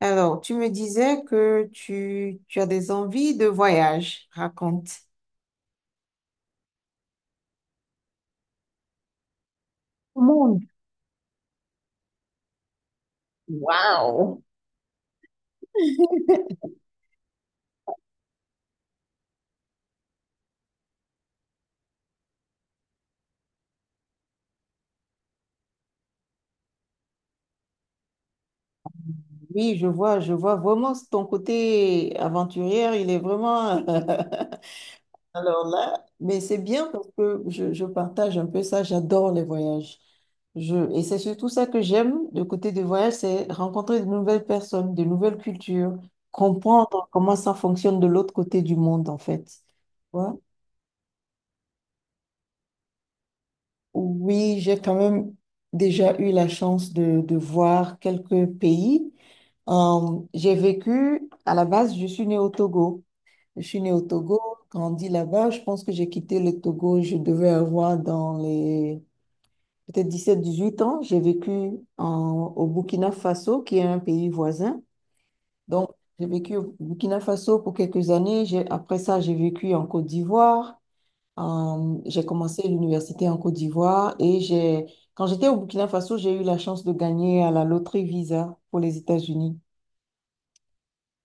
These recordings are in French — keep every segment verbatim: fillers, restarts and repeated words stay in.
Alors, tu me disais que tu, tu as des envies de voyage. Raconte. Au monde. Waouh! Oui, je vois, je vois vraiment ton côté aventurière, il est vraiment. Alors là, mais c'est bien parce que je, je partage un peu ça, j'adore les voyages. Je, et c'est surtout ça que j'aime, le côté des voyages, c'est rencontrer de nouvelles personnes, de nouvelles cultures, comprendre comment ça fonctionne de l'autre côté du monde, en fait. Ouais. Oui, j'ai quand même déjà eu la chance de, de voir quelques pays. Euh, j'ai vécu, à la base, je suis née au Togo. Je suis née au Togo, grandi là-bas. Je pense que j'ai quitté le Togo, je devais avoir dans les peut-être dix sept, dix huit ans. J'ai vécu en- au Burkina Faso, qui est un pays voisin. Donc, j'ai vécu au Burkina Faso pour quelques années. J'ai- après ça, j'ai vécu en Côte d'Ivoire. Euh, j'ai commencé l'université en Côte d'Ivoire et j'ai, quand j'étais au Burkina Faso, j'ai eu la chance de gagner à la loterie Visa pour les États-Unis.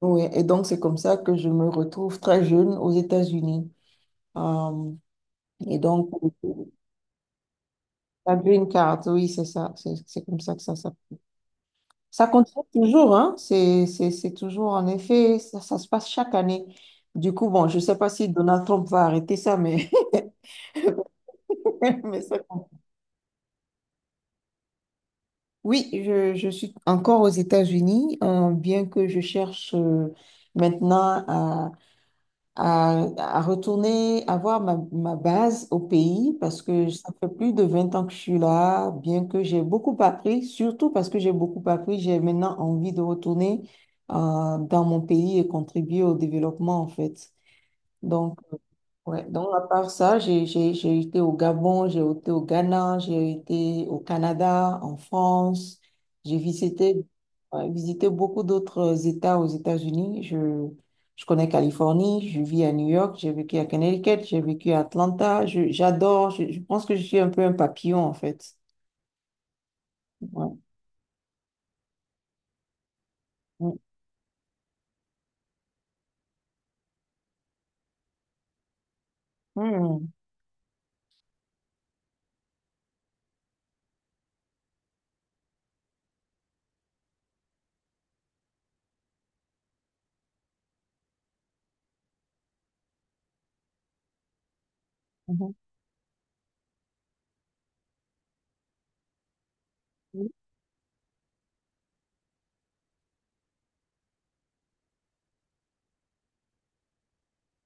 Oui, et donc c'est comme ça que je me retrouve très jeune aux États-Unis. Euh, et donc, la green card, oui, c'est ça, c'est c'est comme ça que ça s'appelle. Ça continue toujours, hein, c'est c'est- c'est toujours en effet, ça, ça se passe chaque année. Du coup, bon, je sais pas si Donald Trump va arrêter ça, mais, mais ça. Oui, je, je suis encore aux États-Unis, euh, bien que je cherche euh, maintenant à, à, à, retourner, avoir ma, ma base au pays, parce que ça fait plus de vingt ans que je suis là, bien que j'ai beaucoup appris, surtout parce que j'ai beaucoup appris, j'ai maintenant envie de retourner euh, dans mon pays et contribuer au développement, en fait. Donc, ouais, donc à part ça, j'ai j'ai- j'ai été au Gabon, j'ai été au Ghana, j'ai été au Canada, en France. J'ai visité, ouais, visité beaucoup d'autres euh, États aux États-Unis. Je, je connais Californie, je vis à New York, j'ai vécu à Connecticut, j'ai vécu à Atlanta. Je- J'adore, je, je pense que je suis un peu un papillon en fait. Ouais. Mm. Mm. Mhm.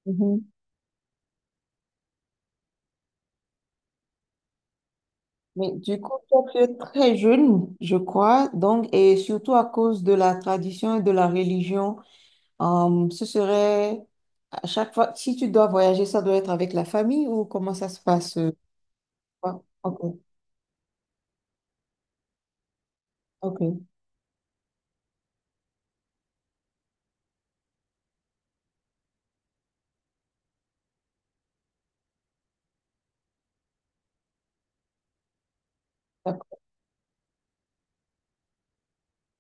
Mhm. Mais du coup, toi, tu es très jeune, je crois, donc, et surtout à cause de la tradition et de la religion. Euh, ce serait à chaque fois, si tu dois voyager, ça doit être avec la famille ou comment ça se passe? euh, quoi? Ok, ok, d'accord.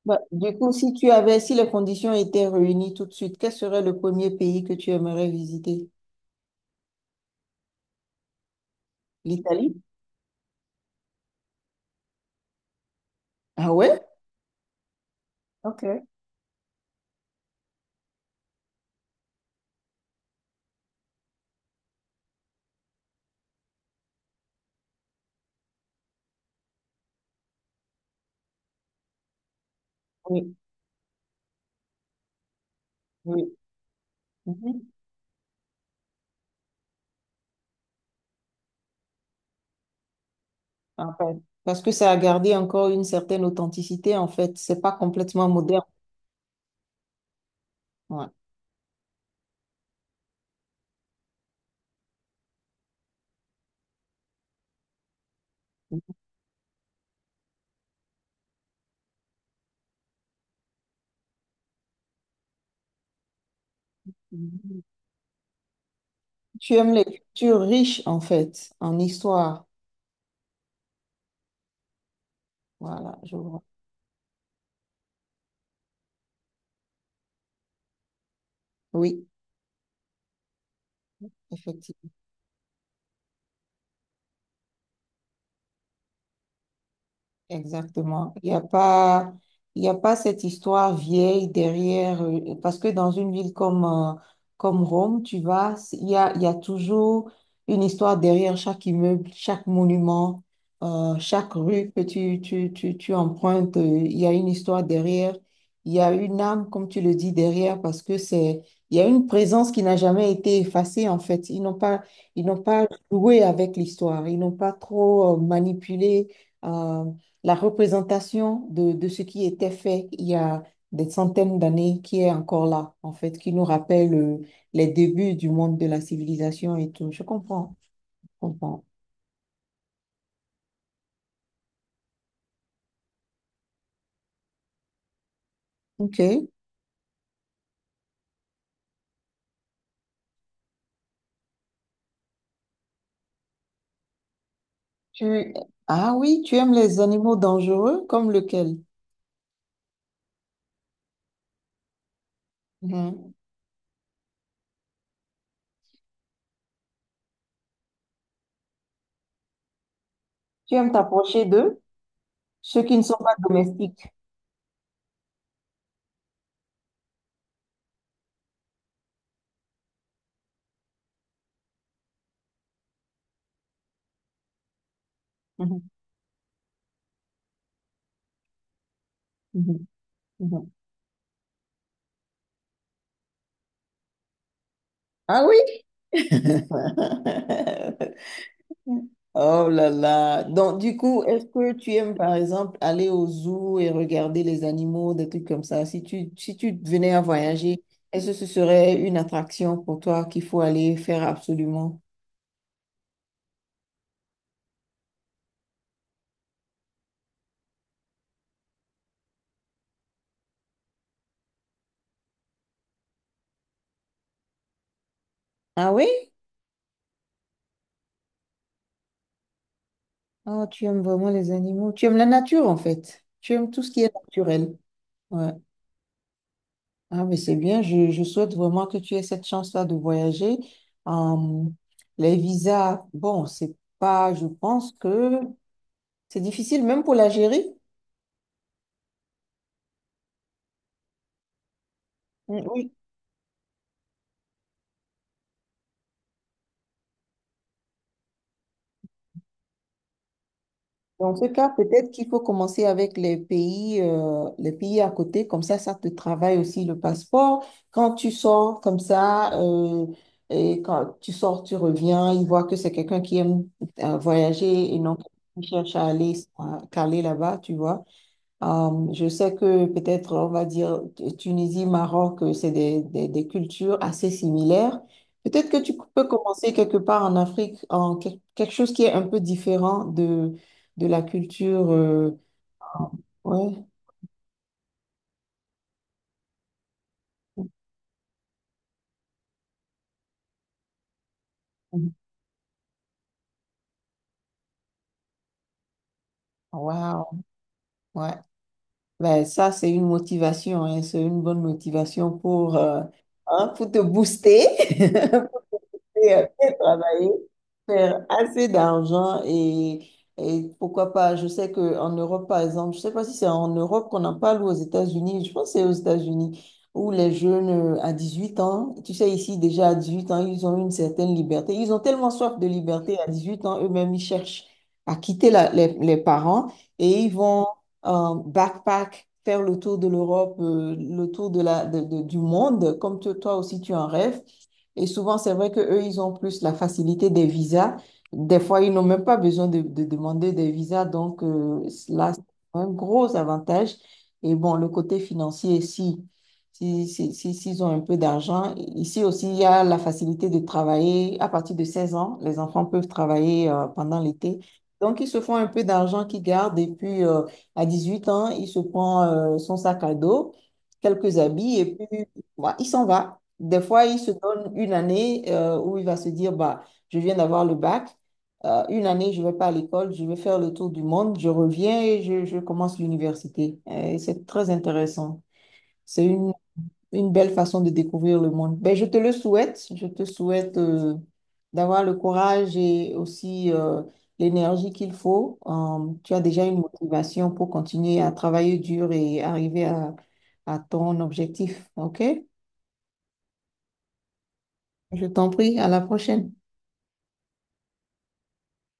Bah, du coup, si tu avais, si les conditions étaient réunies tout de suite, quel serait le premier pays que tu aimerais visiter? L'Italie? Ah ouais? Ok. Oui, oui. Mhm. En fait, parce que ça a gardé encore une certaine authenticité, en fait. C'est pas complètement moderne. Ouais. Mhm. Tu aimes les cultures riches, en fait, en histoire. Voilà, je vois. Oui, effectivement. Exactement. Il n'y a pas, il y a pas cette histoire vieille derrière, euh, parce que dans une ville comme, euh, comme Rome, tu vas, c- il y a, il y a toujours une histoire derrière chaque immeuble, chaque monument, euh, chaque rue que tu, tu, tu, tu empruntes, euh, il y a une histoire derrière, il y a une âme, comme tu le dis, derrière, parce que c'est, il y a une présence qui n'a jamais été effacée, en fait. Ils n'ont pas, ils n'ont pas joué avec l'histoire, ils n'ont pas trop, euh, manipulé. euh, la représentation de, de ce qui était fait il y a des centaines d'années qui est encore là, en fait, qui nous rappelle euh, les débuts du monde de la civilisation et tout. Je comprends, je comprends. Ok. Tu... Ah oui, tu aimes les animaux dangereux comme lequel? Mhm. Tu aimes t'approcher d'eux, ceux qui ne sont pas domestiques. Mhm, mhm, mhm. Mhm. Ah oui? Mm. Oh là là. Donc, du coup, est-ce que tu aimes, par exemple, aller au zoo et regarder les animaux, des trucs comme ça? Si tu, si tu venais à voyager, est-ce que ce serait une attraction pour toi qu'il faut aller faire absolument? Ah oui? Oh, tu aimes vraiment les animaux. Tu aimes la nature, en fait. Tu aimes tout ce qui est naturel. Ouais. Ah, mais c'est bien. Je, je souhaite vraiment que tu aies cette chance-là de voyager. Euh, les visas, bon, c'est pas, je pense que c'est difficile, même pour l'Algérie. Mm. Oui. Dans ce cas, peut-être qu'il faut commencer avec les pays, euh, les pays à côté, comme ça, ça te travaille aussi le passeport. Quand tu sors comme ça, euh, et quand tu sors, tu reviens, ils voient que c'est quelqu'un qui aime euh, voyager et non qui cherche à aller, à caler là-bas, tu vois. Euh, je sais que peut-être, on va dire, Tunisie, Maroc, euh, c'est des, des- des cultures assez similaires. Peut-être que tu peux commencer quelque part en Afrique, en quel- quelque chose qui est un peu différent de, de la culture. euh, ouais. Mhm. Wow, ouais. Ben, ça, c'est une motivation, hein. C'est une bonne motivation pour, euh, hein, pour te booster et euh, bien travailler. Faire assez d'argent et, et, pourquoi pas, je sais qu'en Europe, par exemple, je sais pas si c'est en Europe qu'on en parle ou aux États-Unis, je pense que c'est aux États-Unis, où les jeunes euh, à dix-huit ans, tu sais, ici déjà à dix-huit ans, ils ont une certaine liberté. Ils ont tellement soif de liberté à dix-huit ans, eux-mêmes, ils cherchent à quitter la- les, les parents et ils vont euh, backpack. Faire le tour de l'Europe, euh, le tour de la, de- de- du monde, comme te- toi aussi tu en rêves. Et souvent, c'est vrai que eux, ils ont plus la facilité des visas. Des fois, ils n'ont même pas besoin de, de demander des visas. Donc, euh, là, c'est un gros avantage. Et bon, le côté financier, si, si, si, si- s'ils ont un peu d'argent. Ici aussi, il y a la facilité de travailler à partir de seize ans. Les enfants peuvent travailler euh, pendant l'été. Donc, ils se font un peu d'argent qu'ils gardent. Et puis, euh, à dix-huit ans, il se prend euh, son sac à dos, quelques habits, et puis, voilà, il s'en va. Des fois, il se donne une année euh, où il va se dire, bah, je viens d'avoir le bac, euh, une année, je ne vais pas à l'école, je vais faire le tour du monde, je reviens et je, je commence l'université. Euh, Et c'est très intéressant. C'est une, une belle façon de découvrir le monde. Ben, je te le souhaite. Je te souhaite euh, d'avoir le courage et aussi euh, l'énergie qu'il faut. Euh, tu as déjà une motivation pour continuer à travailler dur et arriver à à ton objectif. OK? Je t'en prie, à la prochaine.